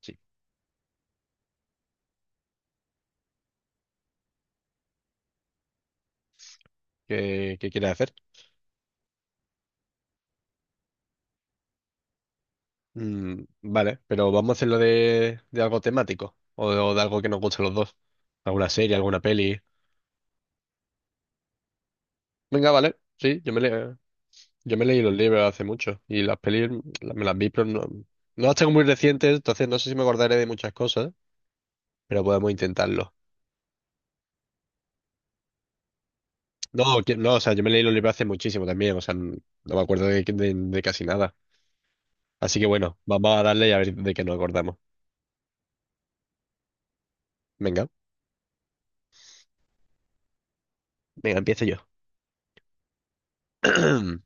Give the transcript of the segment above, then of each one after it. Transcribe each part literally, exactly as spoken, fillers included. Sí. ¿Qué, qué quieres hacer? Mm, vale, pero vamos a hacerlo de, de algo temático o de, o de algo que nos guste a los dos. ¿Alguna serie, alguna peli? Venga, vale, sí, yo me, le- yo me leí los libros hace mucho y las pelis mm, la- me las vi, pero no, no las tengo muy recientes, entonces no sé si me acordaré de muchas cosas, pero podemos intentarlo. No, que- no, o sea, yo me leí los libros hace muchísimo también, o sea, n- no me acuerdo de, de de casi nada. Así que bueno, vamos a darle y a ver de qué nos acordamos. Venga, venga, empiezo yo.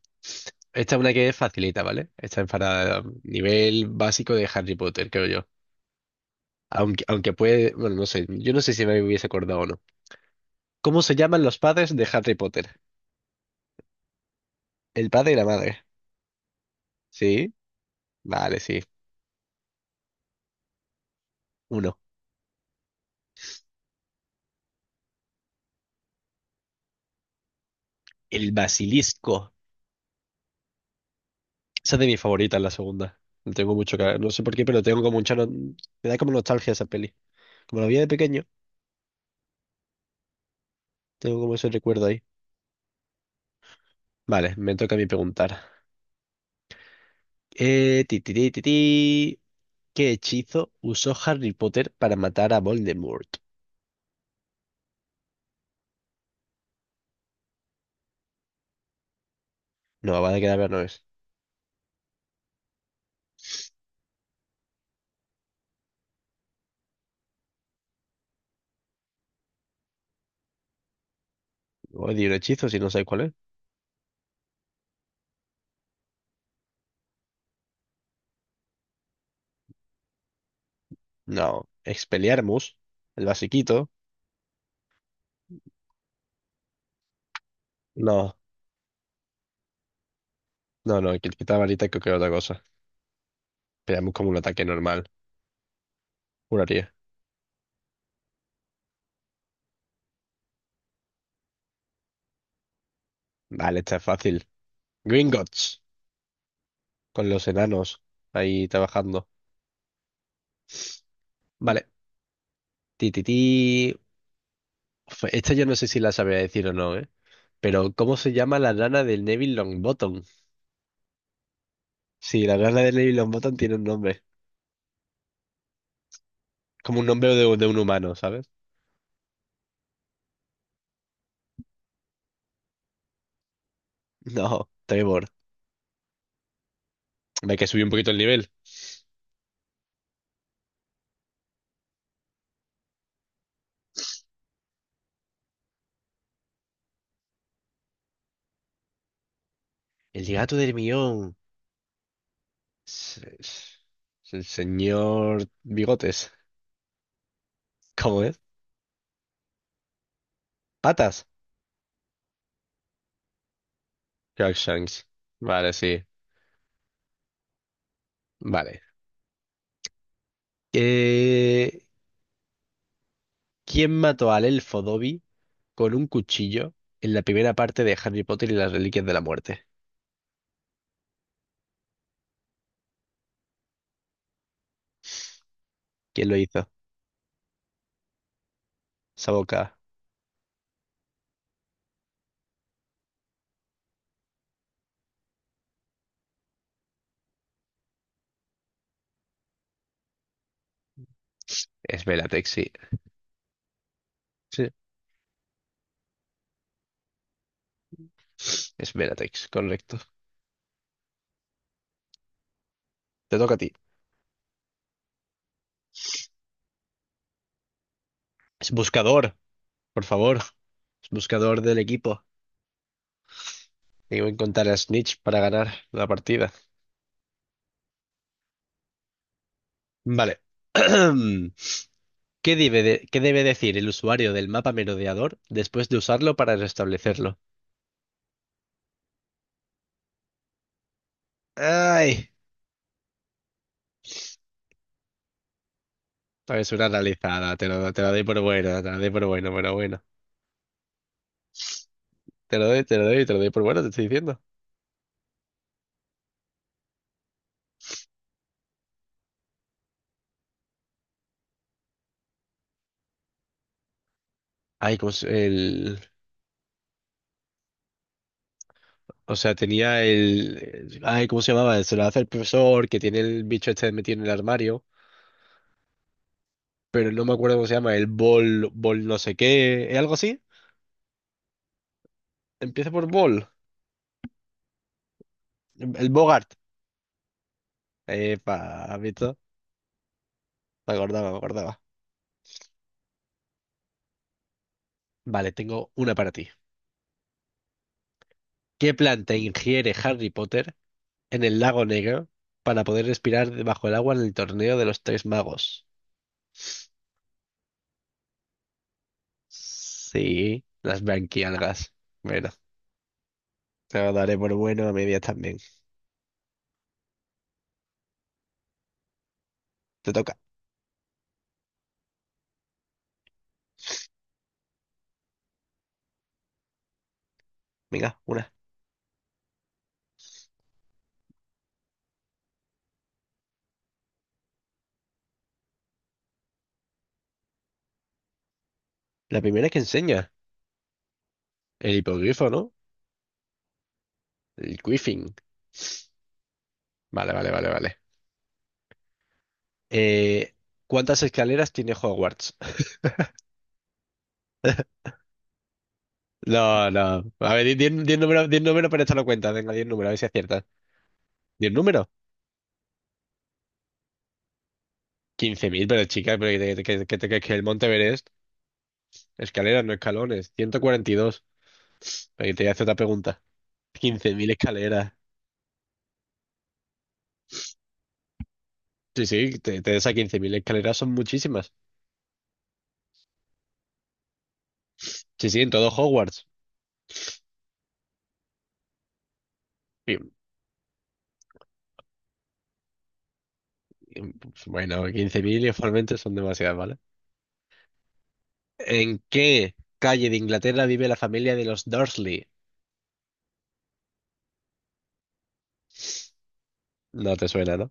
Esta es una que es facilita, ¿vale? Esta es para nivel básico de Harry Potter, creo yo. Aunque, aunque puede, bueno, no sé, yo no sé si me hubiese acordado o no. ¿Cómo se llaman los padres de Harry Potter? El padre y la madre. ¿Sí? Vale, sí. Uno. El basilisco. Esa es de mi favorita, la segunda. No tengo mucho que... No sé por qué, pero tengo como mucha... no- Me da como nostalgia esa peli. Como la vi de pequeño, tengo como ese recuerdo ahí. Vale, me toca a mí preguntar. Eh, ti, ti, ti, ti, ti. ¿Qué hechizo usó Harry Potter para matar a Voldemort? No, van a quedar ver, no es. Odio un hechizo si no sé cuál es. No. Expelliarmus, el basiquito. No, no, no, que quita varita creo que otra cosa. Pegamos como un ataque normal, juraría. Vale, está fácil. Gringotts, con los enanos ahí trabajando. Vale. Ti, ti, ti. Uf, esta yo no sé si la sabía decir o no, ¿eh? Pero, ¿cómo se llama la rana del Neville Longbottom? Sí, la rana del Neville Longbottom tiene un nombre. Como un nombre de, de un humano, ¿sabes? No, Trevor. Ve que subí un poquito el nivel. El gato del millón. es se- El señor Bigotes. ¿Cómo es? Patas. Crookshanks. Vale, sí. Vale. Eh, ¿quién mató al elfo Dobby con un cuchillo en la primera parte de Harry Potter y las Reliquias de la Muerte? ¿Quién lo hizo? Saboka. Es Bellatrix, sí. Sí. Es Bellatrix, correcto. Te toca a ti. Es buscador, por favor. Es buscador del equipo. Tengo que contar a Snitch para ganar la partida. Vale. ¿Qué debe de- ¿qué debe decir el usuario del mapa merodeador después de usarlo para restablecerlo? ¡Ay! Es una analizada, te lo, te lo doy por bueno, te lo doy por bueno, pero bueno. Te lo doy, te lo doy, te lo doy por bueno, te estoy diciendo. Ay, como se- el... O sea, tenía el... Ay, ¿cómo se llamaba? Se lo hace el profesor que tiene el bicho este metido en el armario, pero no me acuerdo cómo se llama, el bol, bol no sé qué, ¿es algo así? Empieza por bol, el Bogart. Epa, ¿has visto? Me acordaba, me acordaba. Vale, tengo una para ti. ¿Qué planta ingiere Harry Potter en el lago negro para poder respirar debajo del agua en el torneo de los tres magos? Sí, las branquialgas. Bueno, te lo daré por bueno a medias también. Te toca. Venga, una. La primera que enseña. El hipogrifo, ¿no? El quiffing. Vale, vale, vale, vale. Eh, ¿cuántas escaleras tiene Hogwarts? No, no. A ver, di- di- diez números, diez números para echarlo cuenta. Venga, diez números, a ver si aciertas. Di el número. Quince mil, pero chica, pero que, te- que, que, te- que- que el Monte Everest, escaleras, no escalones. ciento cuarenta y dos. Pero que te voy a hacer otra pregunta. Quince mil escaleras. Sí, sí, te, te esas quince mil escaleras son muchísimas. Sí, sí, en todo Hogwarts. Y- y, pues, bueno, quince mil igualmente son demasiadas, ¿vale? ¿En qué calle de Inglaterra vive la familia de los Dursley? No te suena, ¿no?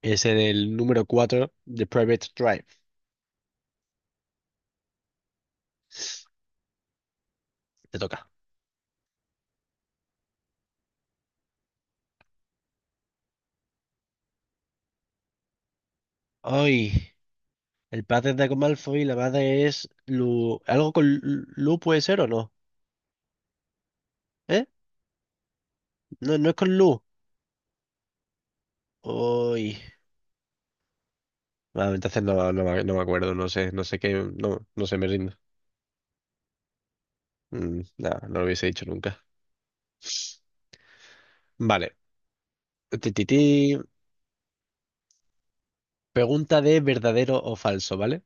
Es en el número cuatro de Private Drive. Te toca. Ay. El padre es Draco Malfoy y la madre es Lu. ¿Algo con Lu Lu puede ser o no? ¿Eh? No, no es con Lu. Uy. Ah, entonces no, no, me no me acuerdo, no sé, no sé qué, no, no sé, me rindo. Mm, no, no lo hubiese dicho nunca. Vale. Ti, ti, ti. Pregunta de verdadero o falso, ¿vale?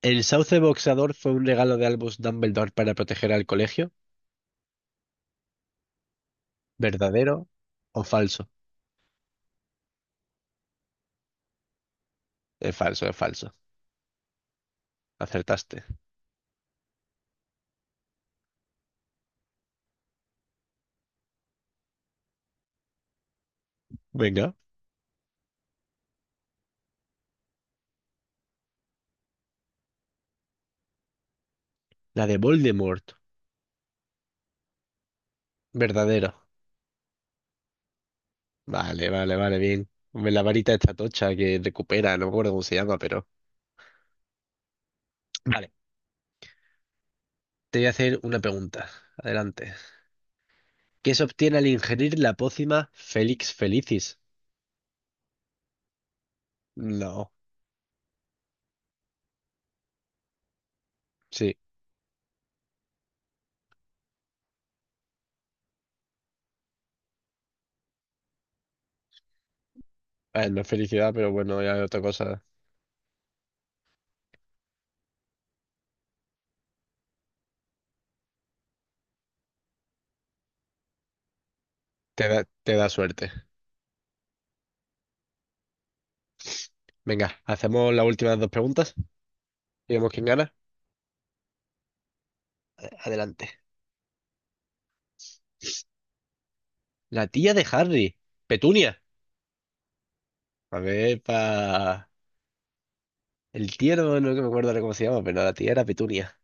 ¿El sauce boxeador fue un regalo de Albus Dumbledore para proteger al colegio? ¿Verdadero o falso? Es falso, es falso. Acertaste. Venga. La de Voldemort. Verdadero. Vale, vale, vale, bien. Hombre, la varita esta tocha que recupera, no me acuerdo cómo se llama, pero... Vale, te voy a hacer una pregunta. Adelante. ¿Qué se obtiene al ingerir la pócima Felix Felicis? No, sí. A ver, no es felicidad, pero bueno, ya es otra cosa. Te da, te da suerte. Venga, hacemos las últimas dos preguntas y vemos quién gana. A- Adelante. La tía de Harry, Petunia. A ver, pa... El tío no, no que me acuerdo ahora cómo se llama, pero no, la tía era Petunia.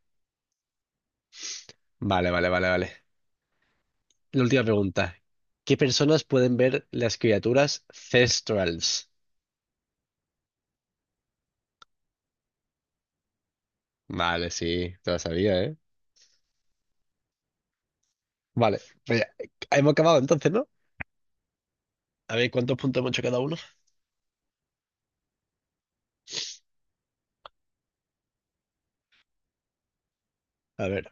Vale, vale, vale, vale. La última pregunta. ¿Qué personas pueden ver las criaturas Thestrals? Vale, sí, te lo sabía, ¿eh? Vale, pues ya, eh, hemos acabado entonces, ¿no? A ver cuántos puntos hemos hecho cada uno. A ver,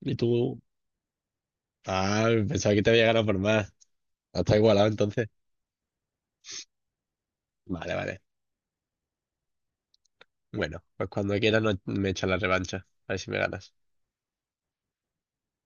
y tú. Ah, pensaba que te había ganado por más. Ah, está igualado entonces. Vale, vale. Bueno, pues cuando quieras no- me echas la revancha. A ver si me ganas.